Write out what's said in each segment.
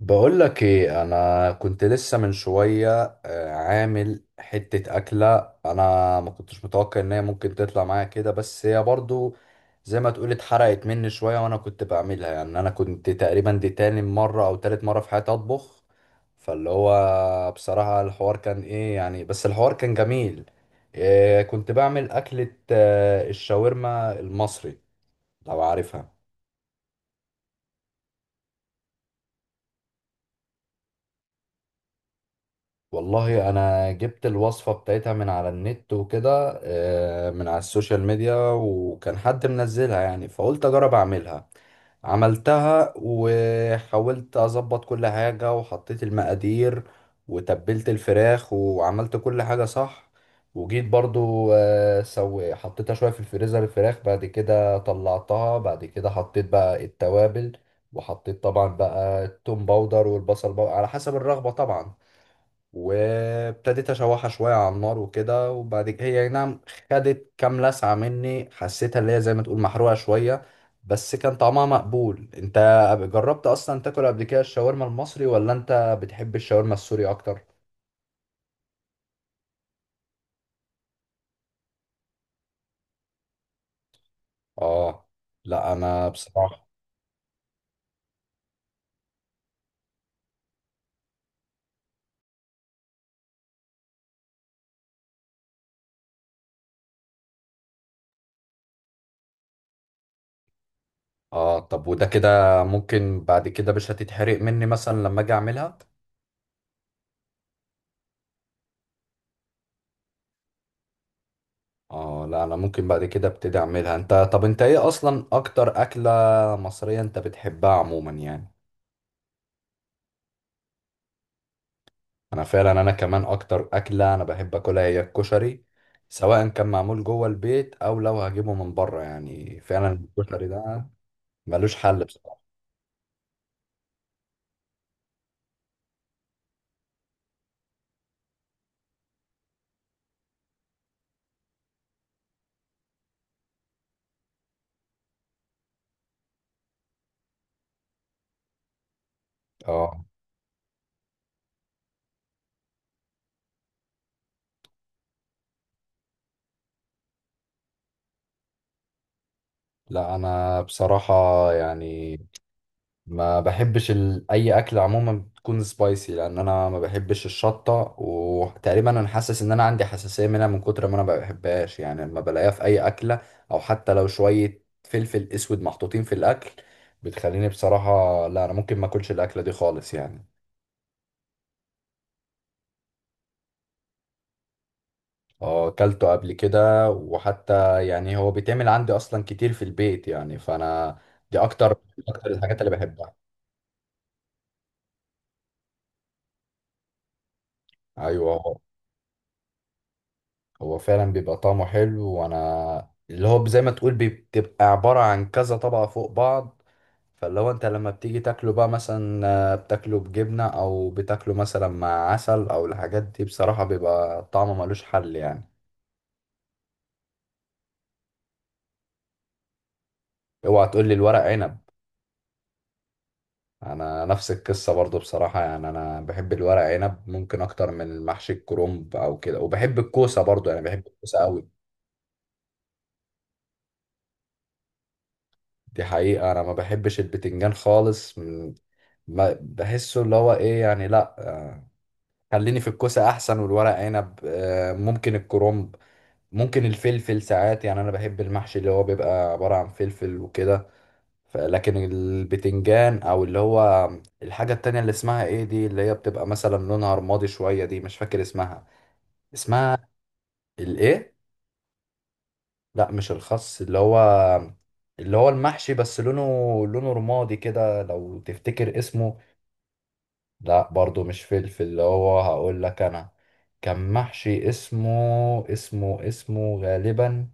بقول لك ايه، انا كنت لسه من شويه عامل حته اكله. انا ما كنتش متوقع ان هي ممكن تطلع معايا كده، بس هي برضو زي ما تقول اتحرقت مني شويه وانا كنت بعملها. يعني انا كنت تقريبا دي تاني مره او تالت مره في حياتي اطبخ، فاللي هو بصراحه الحوار كان ايه يعني، بس الحوار كان جميل. إيه، كنت بعمل اكله الشاورما المصري، لو عارفها. والله انا جبت الوصفة بتاعتها من على النت وكده، من على السوشيال ميديا، وكان حد منزلها يعني، فقلت اجرب اعملها. عملتها وحاولت اظبط كل حاجة وحطيت المقادير وتبلت الفراخ وعملت كل حاجة صح، وجيت برضو آه، سو حطيتها شوية في الفريزر الفراخ، بعد كده طلعتها، بعد كده حطيت بقى التوابل، وحطيت طبعا بقى التوم باودر والبصل باودر على حسب الرغبة طبعا، وابتديت اشوحها شويه على النار وكده، وبعد كده هي أي نعم خدت كام لسعه مني، حسيتها اللي هي زي ما تقول محروقه شويه، بس كان طعمها مقبول. انت جربت اصلا تاكل قبل كده الشاورما المصري، ولا انت بتحب الشاورما السوري اكتر؟ اه. لا انا بصراحه. اه، طب وده كده ممكن بعد كده مش هتتحرق مني مثلا لما اجي اعملها؟ اه، لا انا ممكن بعد كده ابتدي اعملها. انت طب انت ايه اصلا اكتر اكله مصريه انت بتحبها عموما يعني؟ انا فعلا انا كمان اكتر اكله انا بحب اكلها هي الكشري، سواء كان معمول جوه البيت او لو هجيبه من بره، يعني فعلا الكشري ده ملوش حل بصراحه. اه. لا انا بصراحه يعني ما بحبش اي اكل عموما بتكون سبايسي، لان انا ما بحبش الشطه، وتقريبا انا حاسس ان انا عندي حساسيه منها من كتر ما انا ما بحبهاش، يعني لما بلاقيها في اي اكله او حتى لو شويه فلفل اسود محطوطين في الاكل بتخليني بصراحه، لا انا ممكن ما اكلش الاكله دي خالص يعني. اه، اكلته قبل كده، وحتى يعني هو بيتعمل عندي اصلا كتير في البيت يعني، فانا دي اكتر اكتر الحاجات اللي بحبها. ايوه. هو فعلا بيبقى طعمه حلو، وانا اللي هو زي ما تقول بتبقى عبارة عن كذا طبقة فوق بعض، فاللي هو انت لما بتيجي تاكله بقى مثلا بتاكله بجبنة او بتاكله مثلا مع عسل او الحاجات دي، بصراحة بيبقى طعمه ملوش حل يعني. اوعى تقول لي الورق عنب. انا نفس القصة برضو بصراحة، يعني انا بحب الورق عنب ممكن اكتر من محشي الكرنب او كده، وبحب الكوسة برضو، يعني بحب الكوسة قوي. دي حقيقة، انا ما بحبش البتنجان خالص. بحسه اللي هو ايه يعني، لا آه، خليني في الكوسة احسن، والورق عنب ممكن الكرنب، ممكن الفلفل ساعات، يعني انا بحب المحشي اللي هو بيبقى عبارة عن فلفل وكده. لكن البتنجان او اللي هو الحاجة التانية اللي اسمها ايه دي، اللي هي بتبقى مثلا لونها رمادي شوية، دي مش فاكر اسمها. اسمها. الايه؟ لا مش الخس، اللي هو اللي هو المحشي بس لونه، لونه رمادي كده، لو تفتكر اسمه. لا برضو مش فلفل، اللي هو هقول لك انا كان محشي اسمه، اسمه غالبا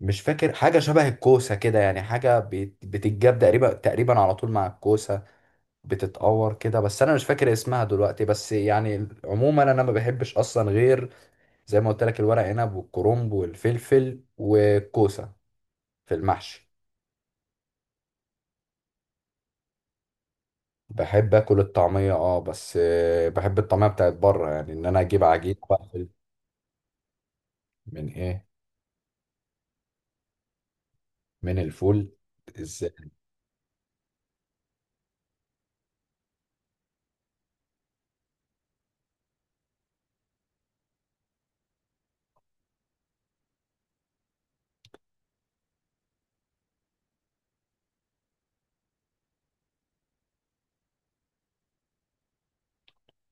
مش فاكر. حاجة شبه الكوسة كده يعني، حاجة بتتجاب تقريبا تقريبا على طول مع الكوسة، بتتقور كده، بس انا مش فاكر اسمها دلوقتي. بس يعني عموما انا ما بحبش اصلا غير زي ما قلت لك الورق عنب والكرنب والفلفل والكوسة في المحشي. بحب اكل الطعمية اه، بس بحب الطعمية بتاعت بره، يعني ان انا اجيب عجينة بقى. من ايه؟ من الفول؟ ازاي؟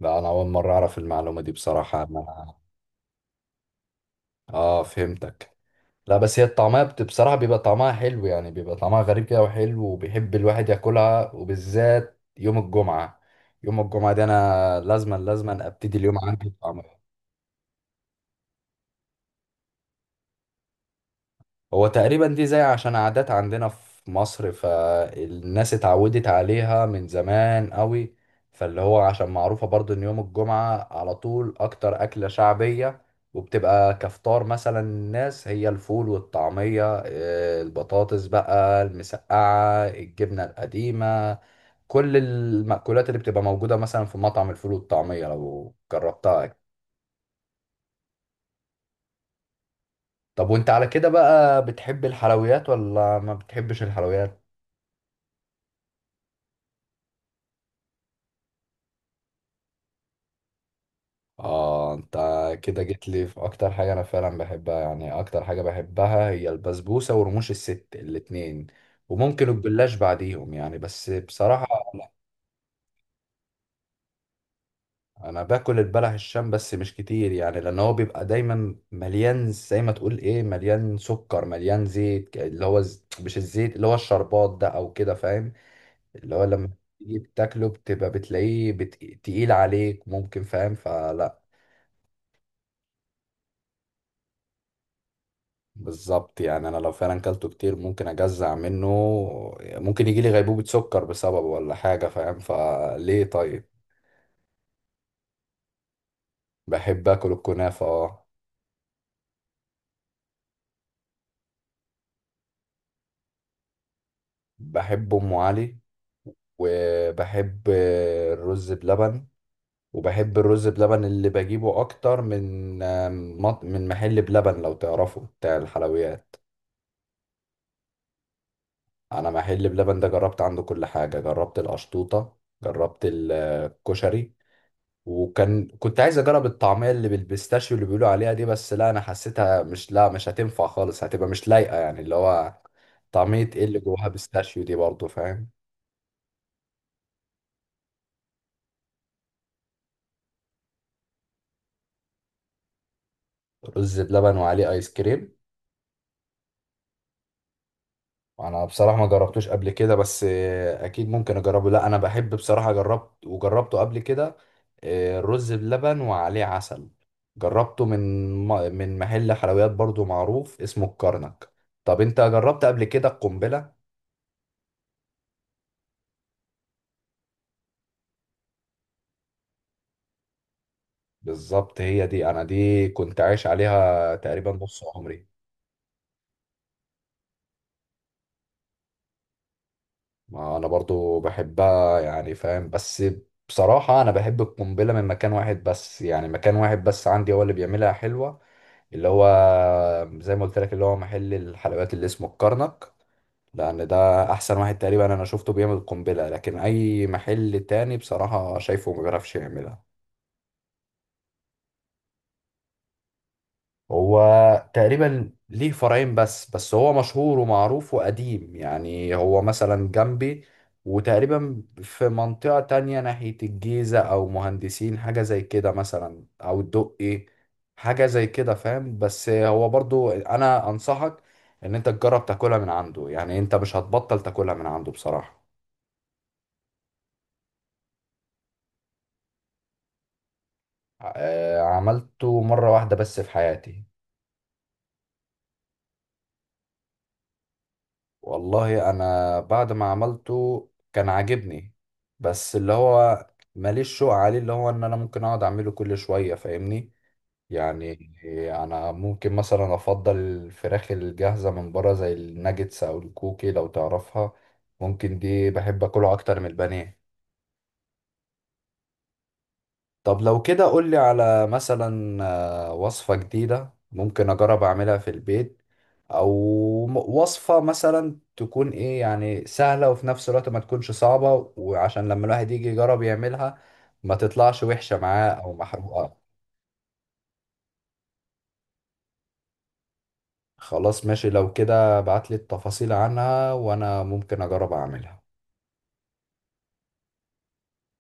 لا انا اول مره اعرف المعلومه دي بصراحه انا. اه، فهمتك. لا بس هي الطعميه بصراحه بيبقى طعمها حلو، يعني بيبقى طعمها غريب كده وحلو، وبيحب الواحد ياكلها وبالذات يوم الجمعه. يوم الجمعه دي انا لازما لازما ابتدي اليوم عندي طعم. هو تقريبا دي زي عشان عادات عندنا في مصر، فالناس اتعودت عليها من زمان قوي، فاللي هو عشان معروفة برضو ان يوم الجمعة على طول اكتر اكلة شعبية، وبتبقى كفطار مثلا الناس هي الفول والطعمية البطاطس بقى، المسقعة، الجبنة القديمة، كل المأكولات اللي بتبقى موجودة مثلا في مطعم الفول والطعمية لو جربتها. طب وانت على كده بقى بتحب الحلويات ولا ما بتحبش الحلويات؟ اه انت كده جيت لي في اكتر حاجه انا فعلا بحبها، يعني اكتر حاجه بحبها هي البسبوسه ورموش الست الاتنين، وممكن الجلاش بعديهم يعني، بس بصراحه. لا انا باكل البلح الشام بس مش كتير، يعني لان هو بيبقى دايما مليان زي ما تقول ايه، مليان سكر مليان زيت، اللي هو مش الزيت، اللي هو الشربات ده او كده، فاهم؟ اللي هو لما تيجي تاكله بتبقى بتلاقيه تقيل عليك ممكن، فاهم؟ فلا. بالظبط يعني، انا لو فعلا كلته كتير ممكن اجزع منه، ممكن يجي لي غيبوبة سكر بسببه ولا حاجة، فاهم؟ فليه طيب. بحب اكل الكنافة اه. بحب ام علي، وبحب الرز بلبن، وبحب الرز بلبن اللي بجيبه اكتر من من محل بلبن لو تعرفه، بتاع الحلويات. انا محل بلبن ده جربت عنده كل حاجة، جربت القشطوطة، جربت الكشري، كنت عايز اجرب الطعميه اللي بالبيستاشيو اللي بيقولوا عليها دي، بس لا انا حسيتها مش، لا مش هتنفع خالص، هتبقى مش لايقه يعني، اللي هو طعميه ايه اللي جواها بيستاشيو دي برضو، فاهم؟ رز بلبن وعليه ايس كريم؟ انا بصراحه ما جربتوش قبل كده، بس اكيد ممكن اجربه. لا انا بحب بصراحه، جربت وجربته قبل كده، الرز بلبن وعليه عسل، جربته من من محل حلويات برضو معروف اسمه الكرنك. طب انت جربت قبل كده القنبله؟ بالظبط هي دي، انا دي كنت عايش عليها تقريبا نص عمري. ما انا برضو بحبها يعني، فاهم؟ بس بصراحة انا بحب القنبلة من مكان واحد بس، يعني مكان واحد بس عندي هو اللي بيعملها حلوة، اللي هو زي ما قلت لك اللي هو محل الحلويات اللي اسمه الكرنك، لان ده احسن واحد تقريبا انا شفته بيعمل قنبلة، لكن اي محل تاني بصراحة شايفه ما بيعرفش يعملها. هو تقريبا ليه فرعين بس هو مشهور ومعروف وقديم، يعني هو مثلا جنبي، وتقريبا في منطقة تانية ناحية الجيزة أو مهندسين حاجة زي كده مثلا، أو الدقي حاجة زي كده، فاهم؟ بس هو برضو أنا أنصحك إن أنت تجرب تاكلها من عنده، يعني أنت مش هتبطل تاكلها من عنده بصراحة. عملته مرة واحدة بس في حياتي. والله انا بعد ما عملته كان عاجبني، بس اللي هو ماليش شوق عليه، اللي هو ان انا ممكن اقعد اعمله كل شوية، فاهمني يعني. انا ممكن مثلا افضل الفراخ الجاهزة من بره زي الناجتس او الكوكي لو تعرفها، ممكن دي بحب اكله اكتر من البانيه. طب لو كده قولي على مثلا وصفة جديدة ممكن أجرب أعملها في البيت، أو وصفة مثلا تكون إيه، يعني سهلة وفي نفس الوقت ما تكونش صعبة، وعشان لما الواحد يجي يجرب يعملها ما تطلعش وحشة معاه أو محروقة. خلاص ماشي، لو كده ابعتلي التفاصيل عنها وأنا ممكن أجرب أعملها.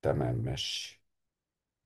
تمام ماشي.